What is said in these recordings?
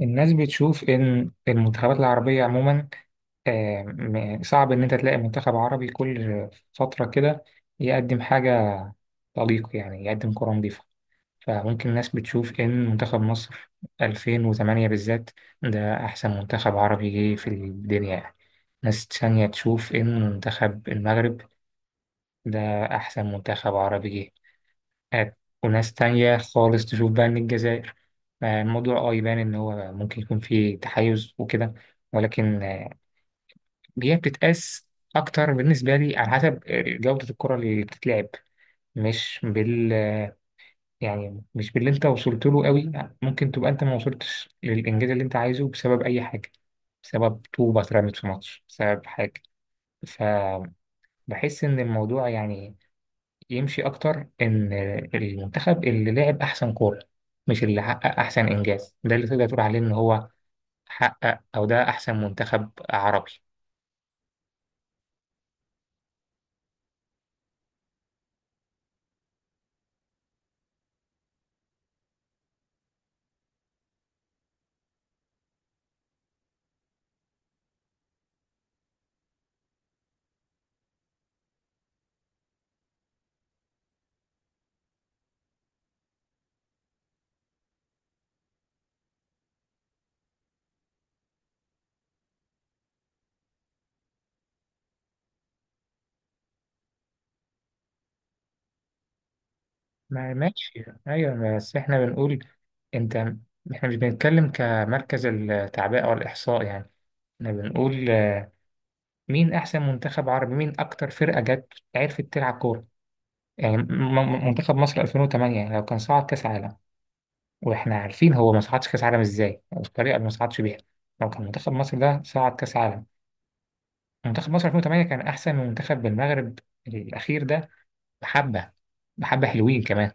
الناس بتشوف إن المنتخبات العربية عموما. صعب إن أنت تلاقي منتخب عربي كل فترة كده يقدم حاجة طليق، يعني يقدم كرة نظيفة. فممكن الناس بتشوف إن منتخب مصر 2008 بالذات ده أحسن منتخب عربي جه في الدنيا يعني. ناس تانية تشوف إن منتخب المغرب ده أحسن منتخب عربي جه. آه، وناس تانية خالص تشوف بقى إن الجزائر. الموضوع يبان إن هو ممكن يكون فيه تحيز وكده، ولكن هي بتتقاس أكتر بالنسبة لي على حسب جودة الكرة اللي بتتلعب. مش بال يعني مش باللي أنت وصلت له قوي. ممكن تبقى أنت ما وصلتش للإنجاز اللي أنت عايزه بسبب أي حاجة، بسبب طوبة اترمت في ماتش، بسبب حاجة. فبحس إن الموضوع يعني يمشي أكتر إن المنتخب اللي لعب أحسن كورة، مش اللي حقق أحسن إنجاز، ده اللي تقدر تقول عليه إن هو حقق أو ده أحسن منتخب عربي. ما ماشي، أيوة، بس إحنا بنقول أنت، إحنا مش بنتكلم كمركز التعبئة أو الإحصاء يعني. إحنا بنقول مين أحسن منتخب عربي، مين أكتر فرقة جت عرفت تلعب كورة. يعني منتخب مصر 2008، يعني لو كان صعد كأس عالم، واحنا عارفين هو ما صعدش كاس عالم ازاي، او الطريقه اللي ما صعدش بيها. لو كان منتخب مصر ده صعد كاس عالم، منتخب مصر 2008 كان احسن من منتخب المغرب الاخير ده. بحبه، بحبه، حلوين كمان.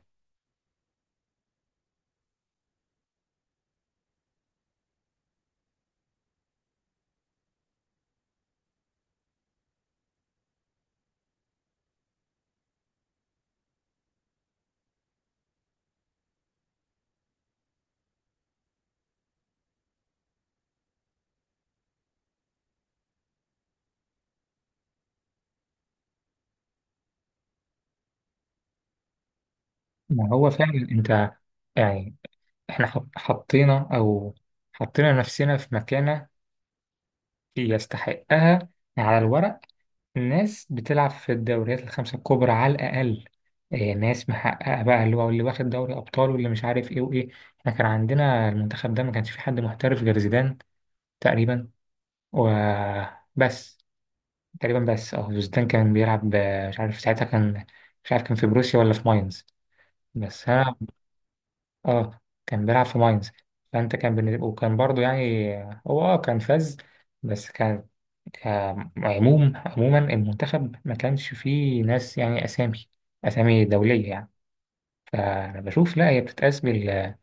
ما هو فعلا انت يعني احنا حطينا، او حطينا نفسنا في مكانه يستحقها على الورق. ناس بتلعب في الدوريات الخمسة الكبرى على الأقل، إيه، ناس محققة بقى اللي هو اللي واخد دوري أبطال واللي مش عارف إيه وإيه. إحنا كان عندنا المنتخب ده ما كانش فيه حد محترف غير زيدان تقريبا وبس. تقريبا، بس أه زيدان كان بيلعب، مش عارف ساعتها كان، مش عارف كان في بروسيا ولا في ماينز. بس أنا، اه كان بيلعب في ماينز. فانت كان بالنسبة، وكان برضو يعني هو اه كان فاز، بس كان كعموم، عموما المنتخب ما كانش فيه ناس، يعني اسامي، اسامي دولية يعني. فانا بشوف لا، هي بتتقاس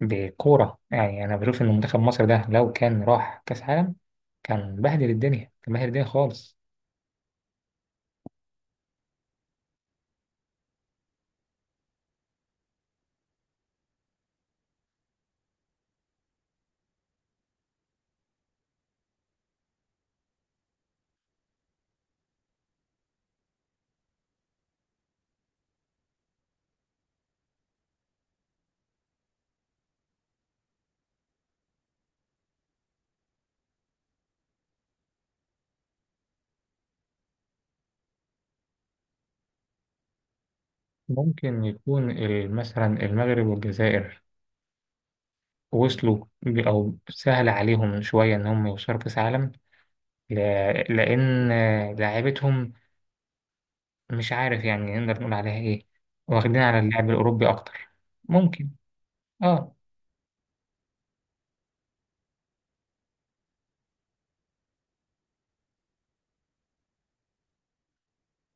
بالكورة. يعني انا بشوف ان منتخب مصر ده لو كان راح كاس عالم، كان بهدل الدنيا، كان بهدل الدنيا خالص. ممكن يكون مثلا المغرب والجزائر وصلوا او سهل عليهم شوية ان هم يوصلوا كاس عالم، لأن لعيبتهم، مش عارف يعني نقدر نقول عليها إيه، واخدين على اللعب الأوروبي أكتر. ممكن. آه.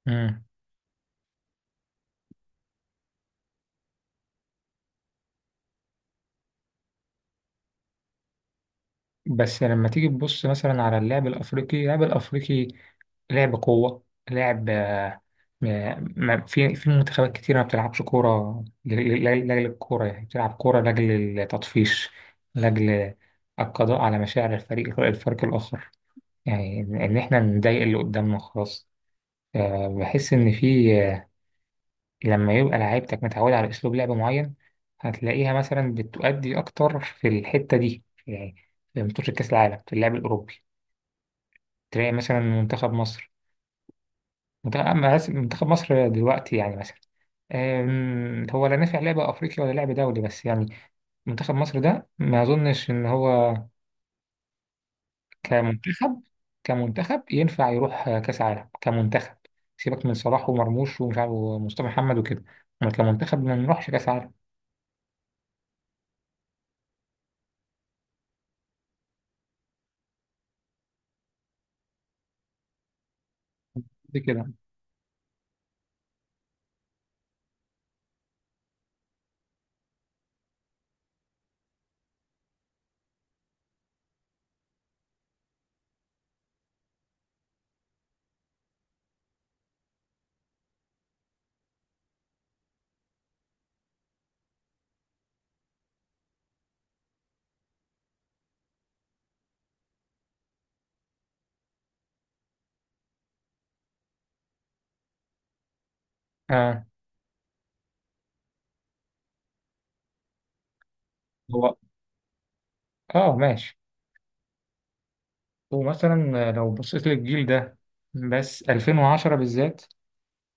مم. بس لما تيجي تبص مثلا على اللعب الأفريقي، اللعب الأفريقي لعب قوة، لعب، ما في في منتخبات كتير ما بتلعبش كورة لأجل الكورة، يعني بتلعب كورة لأجل التطفيش، لأجل القضاء على مشاعر الفريق، الفريق الآخر. يعني إن إحنا نضايق اللي قدامنا خلاص. بحس إن في، لما يبقى لعيبتك متعودة على أسلوب لعب معين، هتلاقيها مثلا بتؤدي أكتر في الحتة دي يعني، في ماتش كأس العالم في اللعب الأوروبي. تلاقي مثلا منتخب مصر، منتخب أما منتخب مصر دلوقتي يعني مثلا، هو لا نافع لعب أفريقي ولا لعب دولي بس، يعني منتخب مصر ده ما أظنش إن هو كمنتخب، كمنتخب ينفع يروح كأس عالم كمنتخب. سيبك من صلاح ومرموش ومش عارف ومصطفى محمد وكده، أما كمنتخب ما نروحش كأس عالم. دي كده. آه. هو اه ماشي. ومثلا لو بصيت للجيل ده، بس 2010 بالذات،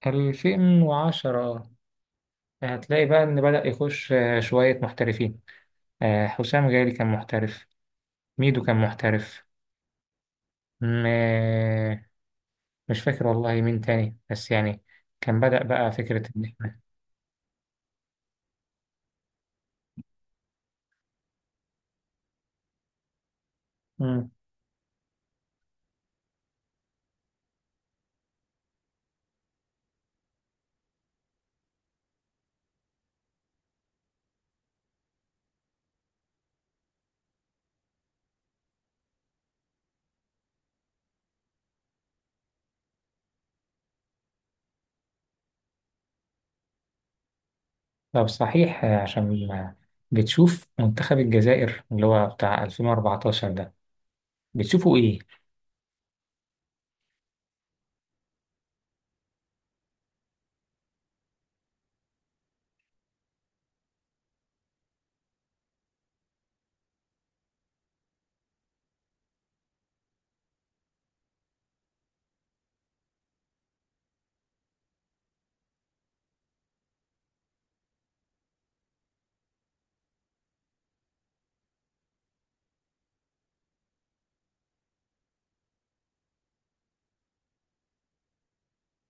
2010 هتلاقي بقى إن بدأ يخش شوية محترفين. حسام غالي كان محترف، ميدو كان محترف، م- مش فاكر والله مين تاني، بس يعني كان بدأ بقى فكرة إن إحنا. مم. طب صحيح، عشان بتشوف منتخب الجزائر اللي هو بتاع 2014 ده، بتشوفوا إيه؟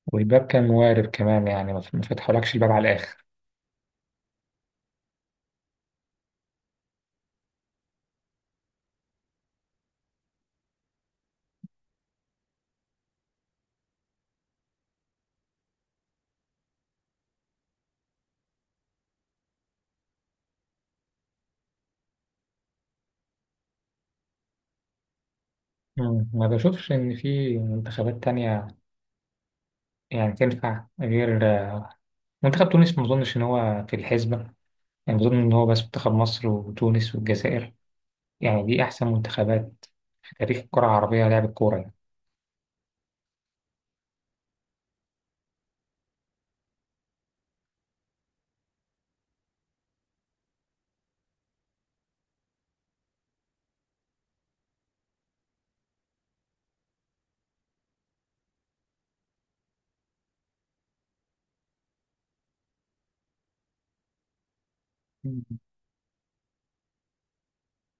والباب كان موارب كمان يعني، ما ما فتحولكش الباب على الآخر. مم. ما بشوفش إن في منتخبات تانية يعني تنفع غير منتخب تونس. ما أظنش إن هو في الحسبة. يعني بظن إن هو بس منتخب مصر وتونس والجزائر، يعني دي أحسن منتخبات في تاريخ الكرة العربية لعب الكورة يعني. مم.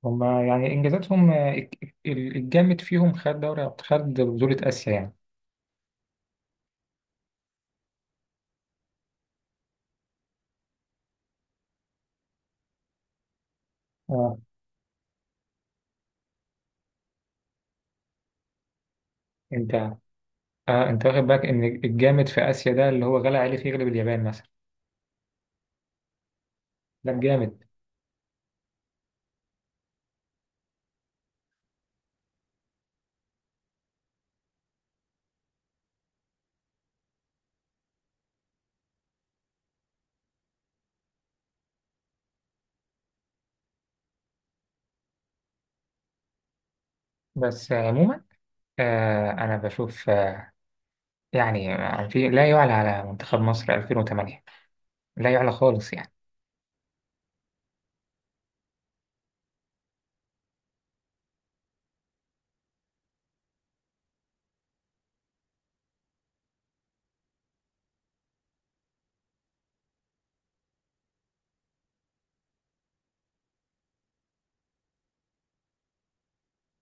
هما يعني إنجازاتهم، الجامد فيهم خد دوري، خد بطولة آسيا يعني. آه. أنت، آه أنت واخد بالك إن الجامد في آسيا ده اللي هو غلا عليه في يغلب اليابان مثلا. ده الجامد. بس عموما، أنا بشوف يعني في لا يعلى على منتخب مصر 2008، لا يعلى خالص يعني.